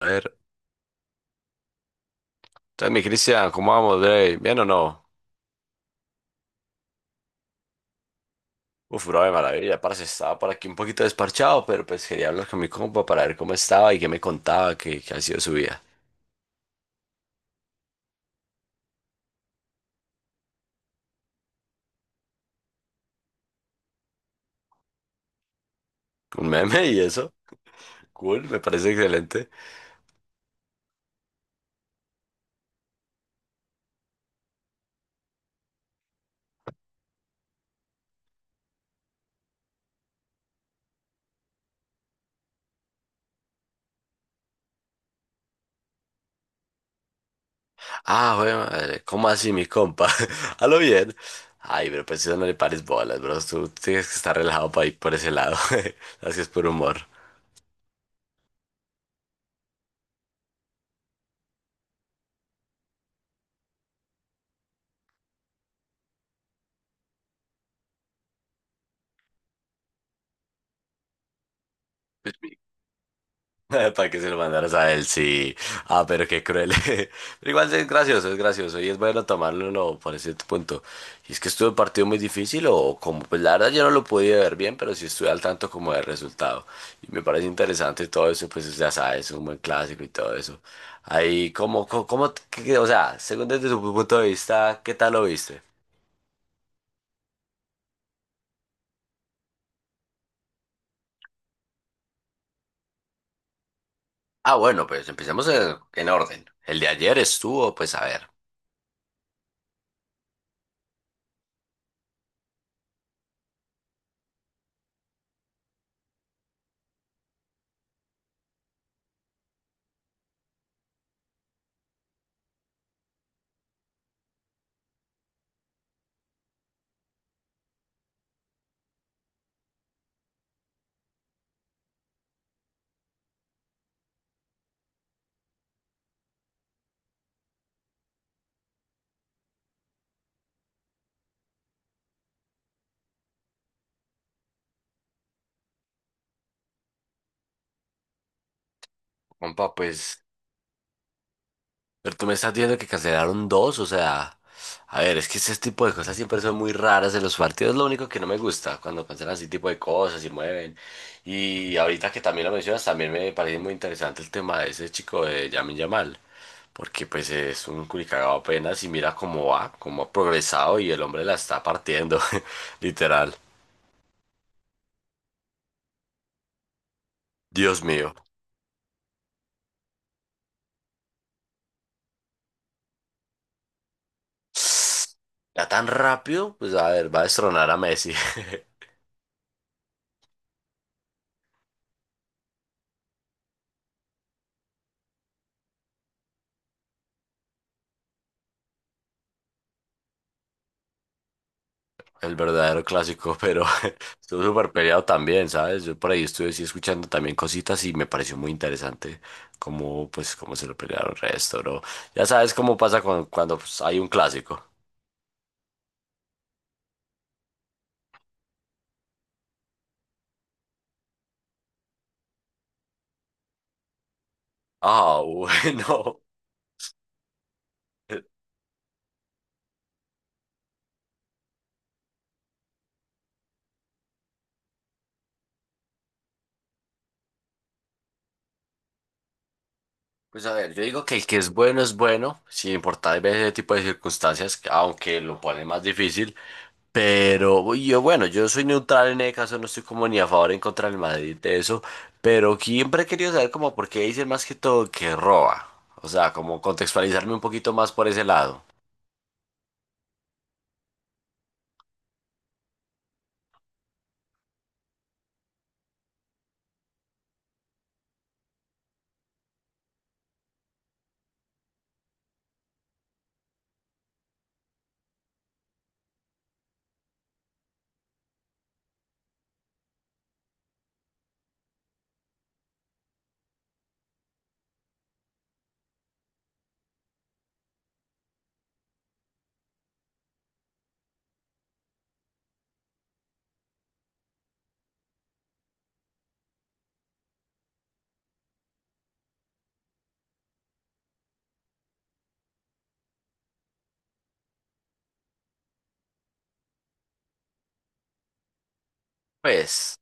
A ver, entonces mi Cristian, ¿cómo vamos, Dre? ¿Bien o no? Uf, bro, de maravilla, parce, estaba por aquí un poquito desparchado, pero pues quería hablar con mi compa para ver cómo estaba y qué me contaba, qué ha sido su vida. Un meme y eso, cool, me parece excelente. Ah, güey, madre, ¿cómo así, mi compa? A lo bien. Ay, pero pues eso no le pares bolas, bro, tú tienes que estar relajado para ir por ese lado, así es por humor. Para que se lo mandaras a él, sí. Ah, pero qué cruel. Pero igual es gracioso, es gracioso. Y es bueno tomarlo no, por ese punto. Y es que estuvo un partido muy difícil o como, pues la verdad yo no lo pude ver bien, pero sí estuve al tanto como del resultado. Y me parece interesante todo eso, pues ya sabes, un buen clásico y todo eso. Ahí, como, o sea, según desde tu punto de vista, ¿qué tal lo viste? Ah, bueno, pues empecemos en orden. El de ayer estuvo, pues a ver, compa, pues. Pero tú me estás diciendo que cancelaron dos, o sea, a ver, es que ese tipo de cosas siempre son muy raras en los partidos, lo único que no me gusta cuando cancelan ese tipo de cosas y mueven. Y ahorita que también lo mencionas, también me parece muy interesante el tema de ese chico de Yamin Yamal, porque pues es un culicagado apenas y mira cómo va, cómo ha progresado y el hombre la está partiendo, literal. Dios mío. Ya tan rápido, pues a ver, va a destronar a Messi. El verdadero clásico, pero estuvo súper peleado también, ¿sabes? Yo por ahí estuve sí, escuchando también cositas y me pareció muy interesante cómo, pues, cómo se lo pelearon el resto, ¿no? Ya sabes cómo pasa cuando, cuando pues, hay un clásico. Ah, bueno. Pues a ver, yo digo que el que es bueno, sin importar ver ese tipo de circunstancias, aunque lo pone más difícil. Pero yo, bueno, yo soy neutral en ese caso, no estoy como ni a favor ni en contra del Madrid de eso, pero siempre he querido saber como por qué dicen más que todo que roba. O sea, como contextualizarme un poquito más por ese lado. Pues,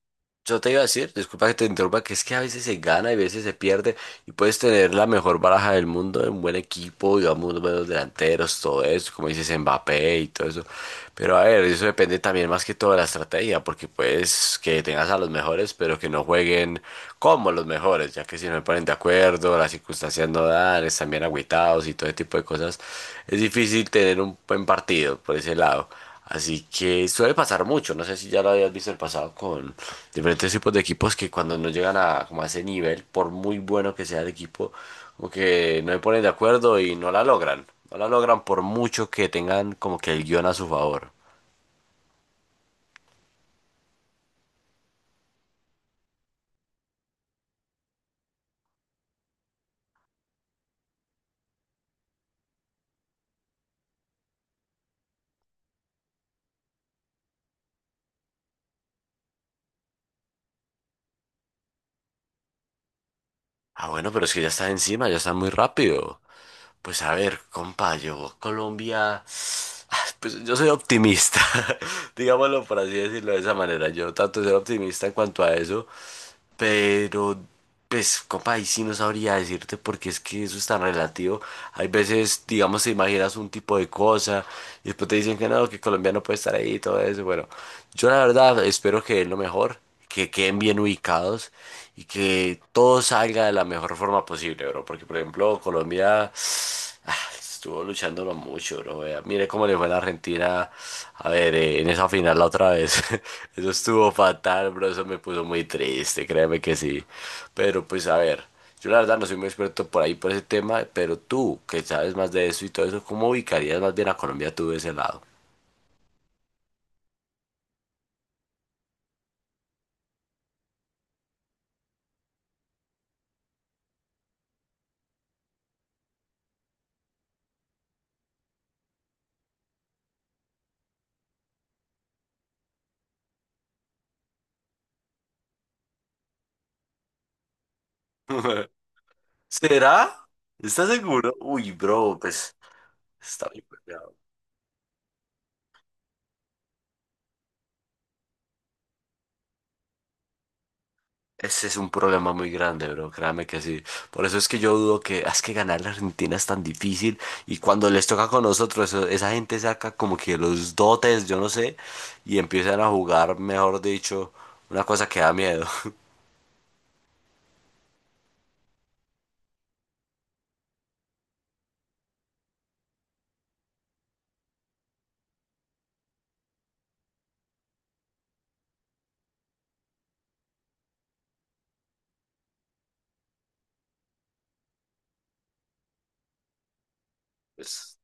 yo te iba a decir, disculpa que te interrumpa, que es que a veces se gana y a veces se pierde y puedes tener la mejor baraja del mundo, un buen equipo, digamos, unos buenos delanteros, todo eso, como dices, Mbappé y todo eso. Pero a ver, eso depende también más que todo de la estrategia, porque puedes que tengas a los mejores, pero que no jueguen como los mejores, ya que si no se ponen de acuerdo, las circunstancias no dan, están bien agüitados y todo ese tipo de cosas, es difícil tener un buen partido por ese lado. Así que suele pasar mucho, no sé si ya lo habías visto el pasado con diferentes tipos de equipos que cuando no llegan a, como a ese nivel, por muy bueno que sea el equipo, como que no se ponen de acuerdo y no la logran. No la logran por mucho que tengan como que el guión a su favor. Ah, bueno, pero es que ya están encima, ya están muy rápido. Pues a ver, compa, yo, Colombia. Ah, pues yo soy optimista, digámoslo por así decirlo de esa manera. Yo trato de ser optimista en cuanto a eso. Pero, pues, compa, ahí sí no sabría decirte porque es que eso es tan relativo. Hay veces, digamos, te imaginas un tipo de cosa y después te dicen que no, que Colombia no puede estar ahí y todo eso. Bueno, yo la verdad espero que es lo mejor, que queden bien ubicados y que todo salga de la mejor forma posible, bro. Porque, por ejemplo, Colombia, estuvo luchándolo mucho, bro. Vea. Mire cómo le fue a la Argentina. A ver, en esa final la otra vez. Eso estuvo fatal, bro. Eso me puso muy triste, créeme que sí. Pero pues a ver, yo la verdad no soy muy experto por ahí, por ese tema. Pero tú, que sabes más de eso y todo eso, ¿cómo ubicarías más bien a Colombia tú de ese lado? ¿Será? ¿Estás seguro? Uy, bro, pues está bien. Ese es un problema muy grande, bro, créame que sí. Por eso es que yo dudo que, "Ah, es que ganar la Argentina es tan difícil y cuando les toca con nosotros, esa gente saca como que los dotes, yo no sé, y empiezan a jugar, mejor dicho, una cosa que da miedo". Pues,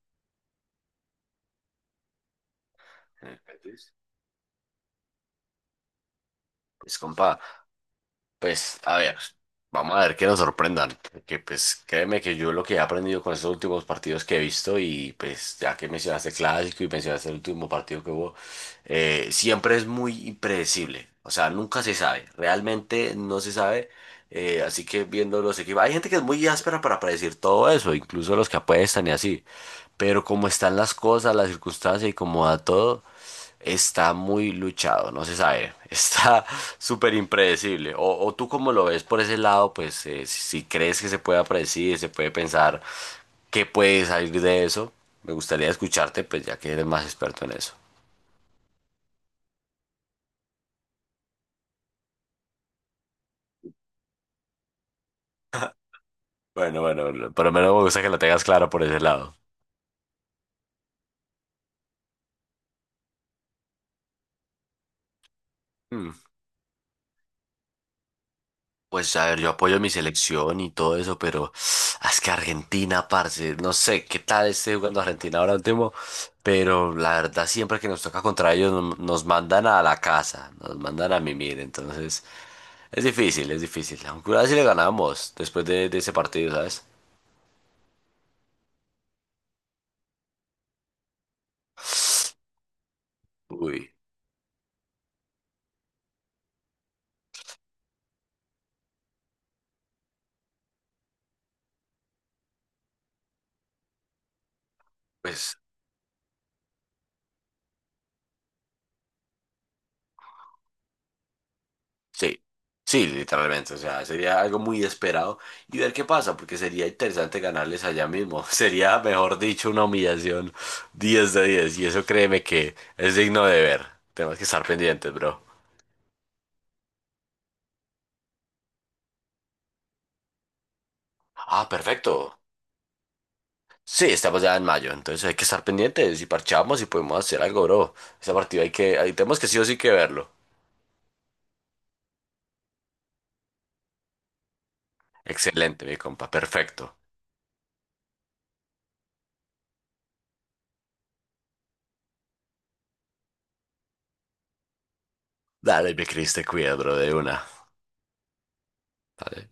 eh, pues, compa. Pues, a ver, vamos a ver que nos sorprendan, porque pues créeme que yo lo que he aprendido con estos últimos partidos que he visto y pues ya que mencionaste el clásico y mencionaste el último partido que hubo, siempre es muy impredecible, o sea, nunca se sabe, realmente no se sabe, así que viendo los equipos, hay gente que es muy áspera para predecir todo eso, incluso los que apuestan y así, pero como están las cosas, las circunstancias y como da todo. Está muy luchado, no se sabe. Está súper impredecible. O tú como lo ves por ese lado, pues si, si crees que se pueda predecir, se puede pensar qué puede salir de eso, me gustaría escucharte, pues ya que eres más experto en eso. Bueno, bueno, por lo menos me gusta que lo tengas claro por ese lado. Mm. Pues a ver, yo apoyo mi selección y todo eso, pero ah, es que Argentina, parce, no sé qué tal esté jugando Argentina ahora último, pero la verdad siempre que nos toca contra ellos nos mandan a la casa, nos mandan a mimir, entonces es difícil, es difícil. Aunque una vez sí le ganamos después de ese partido, ¿sabes? Uy, pues sí, sí, literalmente, o sea, sería algo muy esperado y ver qué pasa, porque sería interesante ganarles allá mismo, sería, mejor dicho, una humillación 10 de 10. Y eso créeme que es digno de ver, tenemos que estar pendientes, bro. Ah, perfecto. Sí, estamos ya en mayo, entonces hay que estar pendientes y parchamos y podemos hacer algo, bro. Ese partido hay que, ahí tenemos que sí o sí que verlo. Excelente, mi compa, perfecto. Dale, mi Cris, te cuida, bro, de una. Dale.